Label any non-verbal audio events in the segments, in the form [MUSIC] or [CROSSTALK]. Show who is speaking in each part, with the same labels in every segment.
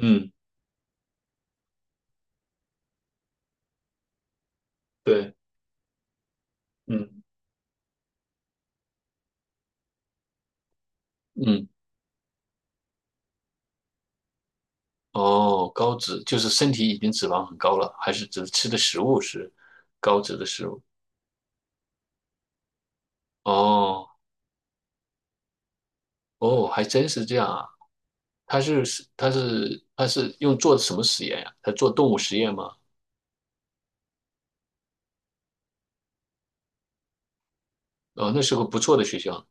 Speaker 1: 嗯，对，嗯嗯，哦，高脂就是身体已经脂肪很高了，还是只是吃的食物是高脂的食物？哦哦，还真是这样啊！他是他是用做什么实验呀、他做动物实验吗？哦，那是个不错的学校。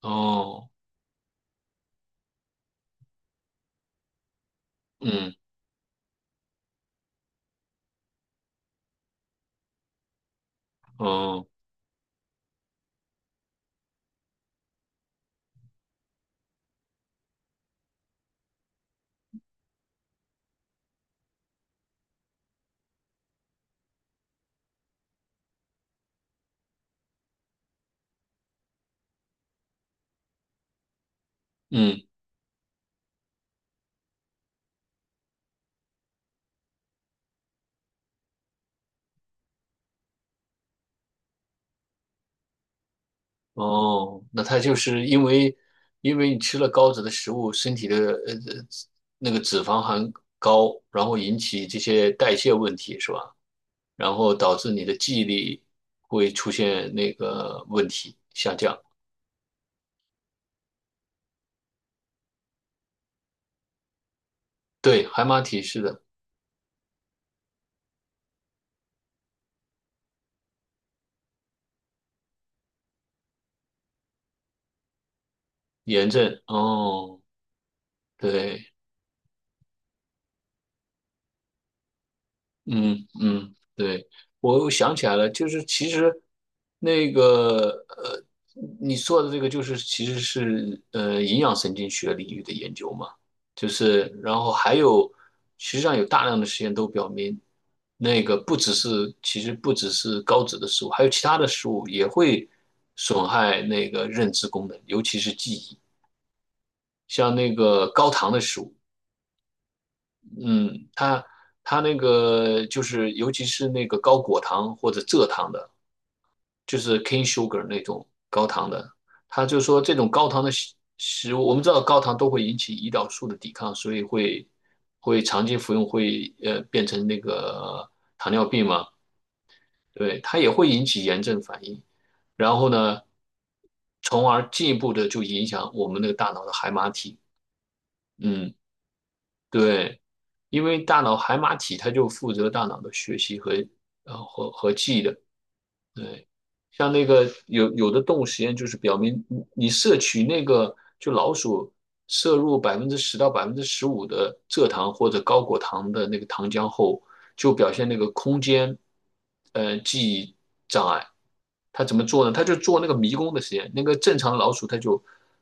Speaker 1: 哦，嗯，哦，嗯，哦，那他就是因为你吃了高脂的食物，身体的呃呃那个脂肪含高，然后引起这些代谢问题，是吧？然后导致你的记忆力会出现那个问题下降。对，海马体是的，炎症。哦，对。嗯嗯，对，我又想起来了，就是其实那个你说的这个就是其实是营养神经学领域的研究嘛，就是然后还有实际上有大量的实验都表明，那个不只是其实不只是高脂的食物，还有其他的食物也会损害那个认知功能，尤其是记忆，像那个高糖的食物。嗯，它那个就是尤其是那个高果糖或者蔗糖的，就是 cane sugar 那种高糖的，它就说这种高糖的食物，我们知道高糖都会引起胰岛素的抵抗，所以会长期服用会变成那个糖尿病嘛，对，它也会引起炎症反应，然后呢，从而进一步的就影响我们那个大脑的海马体，嗯。对，因为大脑海马体它就负责大脑的学习和记忆的，对，像那个有的动物实验就是表明你，摄取那个就老鼠摄入百分之十到15%的蔗糖或者高果糖的那个糖浆后，就表现那个空间，记忆障碍。他怎么做呢？他就做那个迷宫的实验。那个正常老鼠，他就，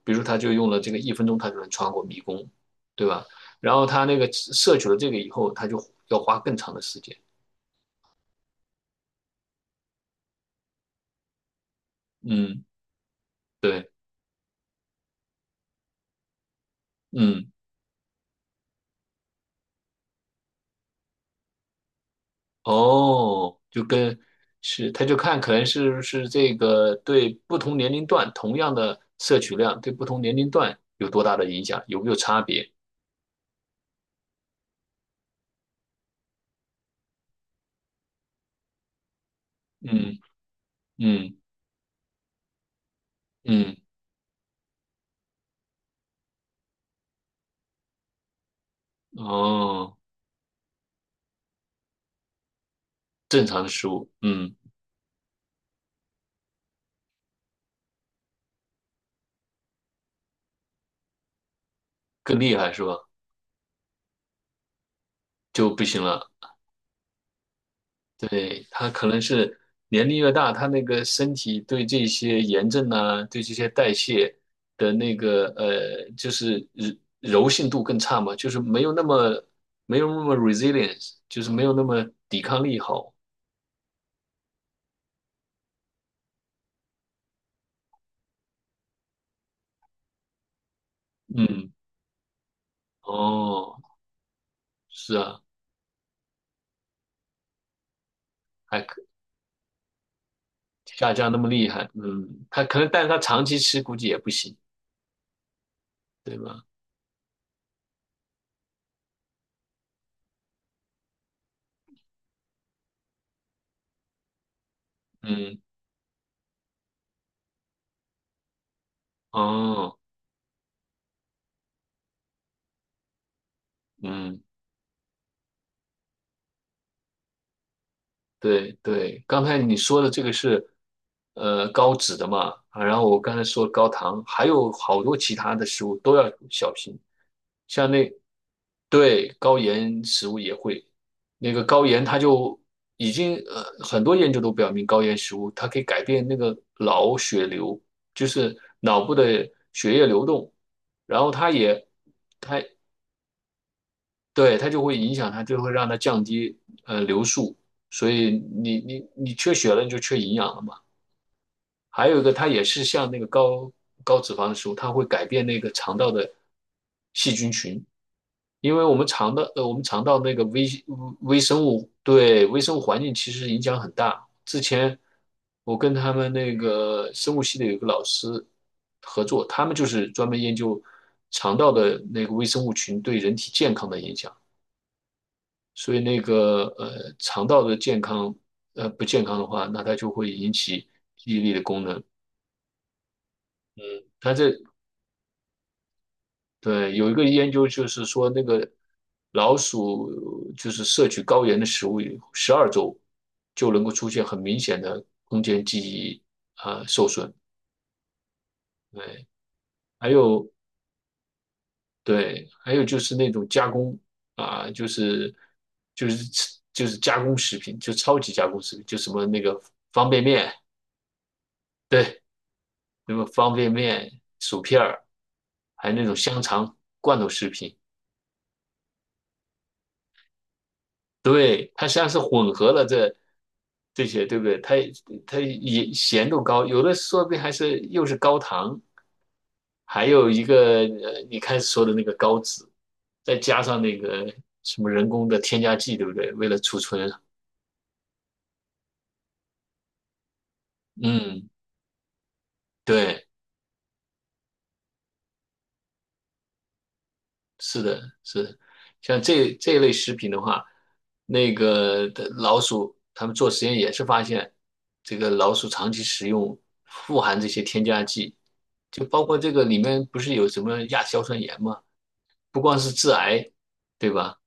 Speaker 1: 比如说它就用了这个1分钟，他就能穿过迷宫，对吧？然后他那个摄取了这个以后，他就要花更长的时间。嗯，对，嗯。哦，是，他就看可能是不是这个对不同年龄段同样的摄取量对不同年龄段有多大的影响，有没有差别？嗯嗯嗯，哦，正常的食物，嗯，更厉害是吧？就不行了。对，他可能是年龄越大，他那个身体对这些炎症啊，对这些代谢的那个就是柔性度更差嘛，就是没有那么 resilience，就是没有那么抵抗力好。嗯，哦，是啊，还可下降那么厉害。嗯，他可能，但是他长期吃估计也不行，对吧？嗯，哦，嗯。对对，刚才你说的这个是，高脂的嘛，啊然后我刚才说高糖，还有好多其他的食物都要小心，像那，对，高盐食物也会，那个高盐它就已经呃很多研究都表明高盐食物它可以改变那个脑血流，就是脑部的血液流动，然后它对，它就会影响它，就会让它降低流速，所以你缺血了，你就缺营养了嘛。还有一个，它也是像那个高脂肪的食物，它会改变那个肠道的细菌群，因为我们肠道那个微生物对微生物环境其实影响很大。之前我跟他们那个生物系的有一个老师合作，他们就是专门研究肠道的那个微生物群对人体健康的影响。所以那个肠道的健康不健康的话，那它就会引起记忆力的功能。它这对有一个研究就是说，那个老鼠就是摄取高盐的食物以后，12周就能够出现很明显的空间记忆啊、受损。对，还有对，还有就是那种加工啊、就是就是加工食品，就超级加工食品，就什么那个方便面。对，什么方便面、薯片儿，还有那种香肠、罐头食品。对，它实际上是混合了这些，对不对？它也咸度高，有的说不定还是又是高糖，还有一个你开始说的那个高脂，再加上那个什么人工的添加剂，对不对？为了储存，嗯，对。是的，是的，像这一类食品的话，那个的老鼠，他们做实验也是发现，这个老鼠长期食用富含这些添加剂，就包括这个里面不是有什么亚硝酸盐吗？不光是致癌，对吧？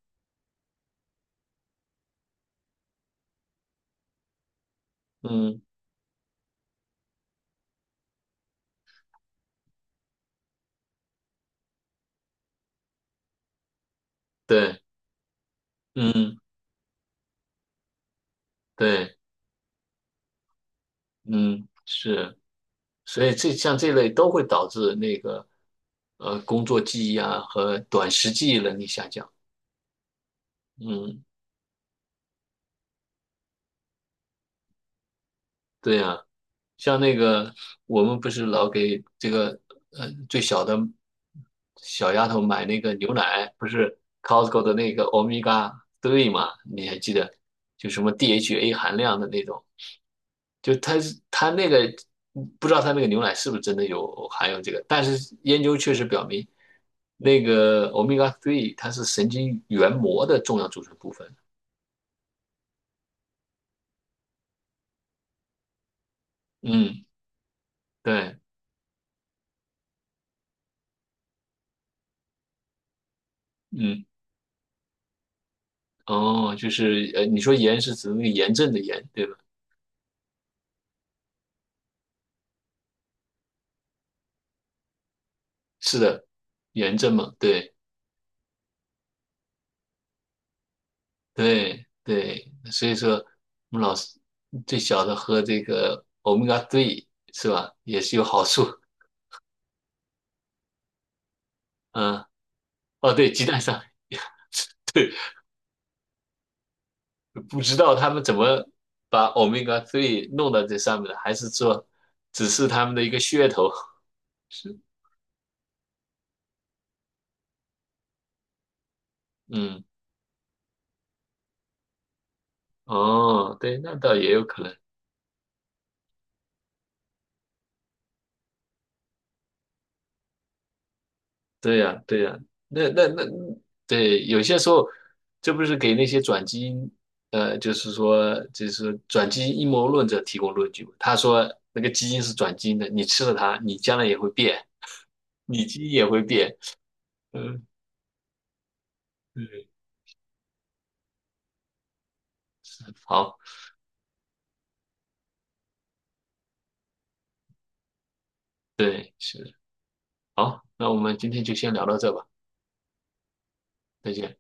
Speaker 1: 嗯，对，嗯，对，嗯，是，所以这像这类都会导致那个工作记忆啊和短时记忆能力下降。嗯。对呀，像那个我们不是老给这个最小的小丫头买那个牛奶，不是 Costco 的那个 o m e g a 嘛？你还记得？就什么 DHA 含量的那种，就它那个不知道它那个牛奶是不是真的有含有这个，但是研究确实表明，那个 o m e g a 它是神经元膜的重要组成部分。嗯，对。嗯。哦，就是你说炎是指那个炎症的炎，对吧？是的，炎症嘛，对对对，所以说我们老师最小的喝这个 omega three 是吧，也是有好处。嗯，哦，对，鸡蛋上面 [LAUGHS] 对，不知道他们怎么把 omega three 弄到这上面的，还是说只是他们的一个噱头？[LAUGHS] 是，嗯，哦，对，那倒也有可能。对呀，对呀，那那那，对，有些时候，这不是给那些转基因，就是说，就是转基因阴谋论者提供论据吗？他说那个基因是转基因的，你吃了它，你将来也会变，你基因也会变。嗯，对，好，对，是，好，那我们今天就先聊到这吧，再见。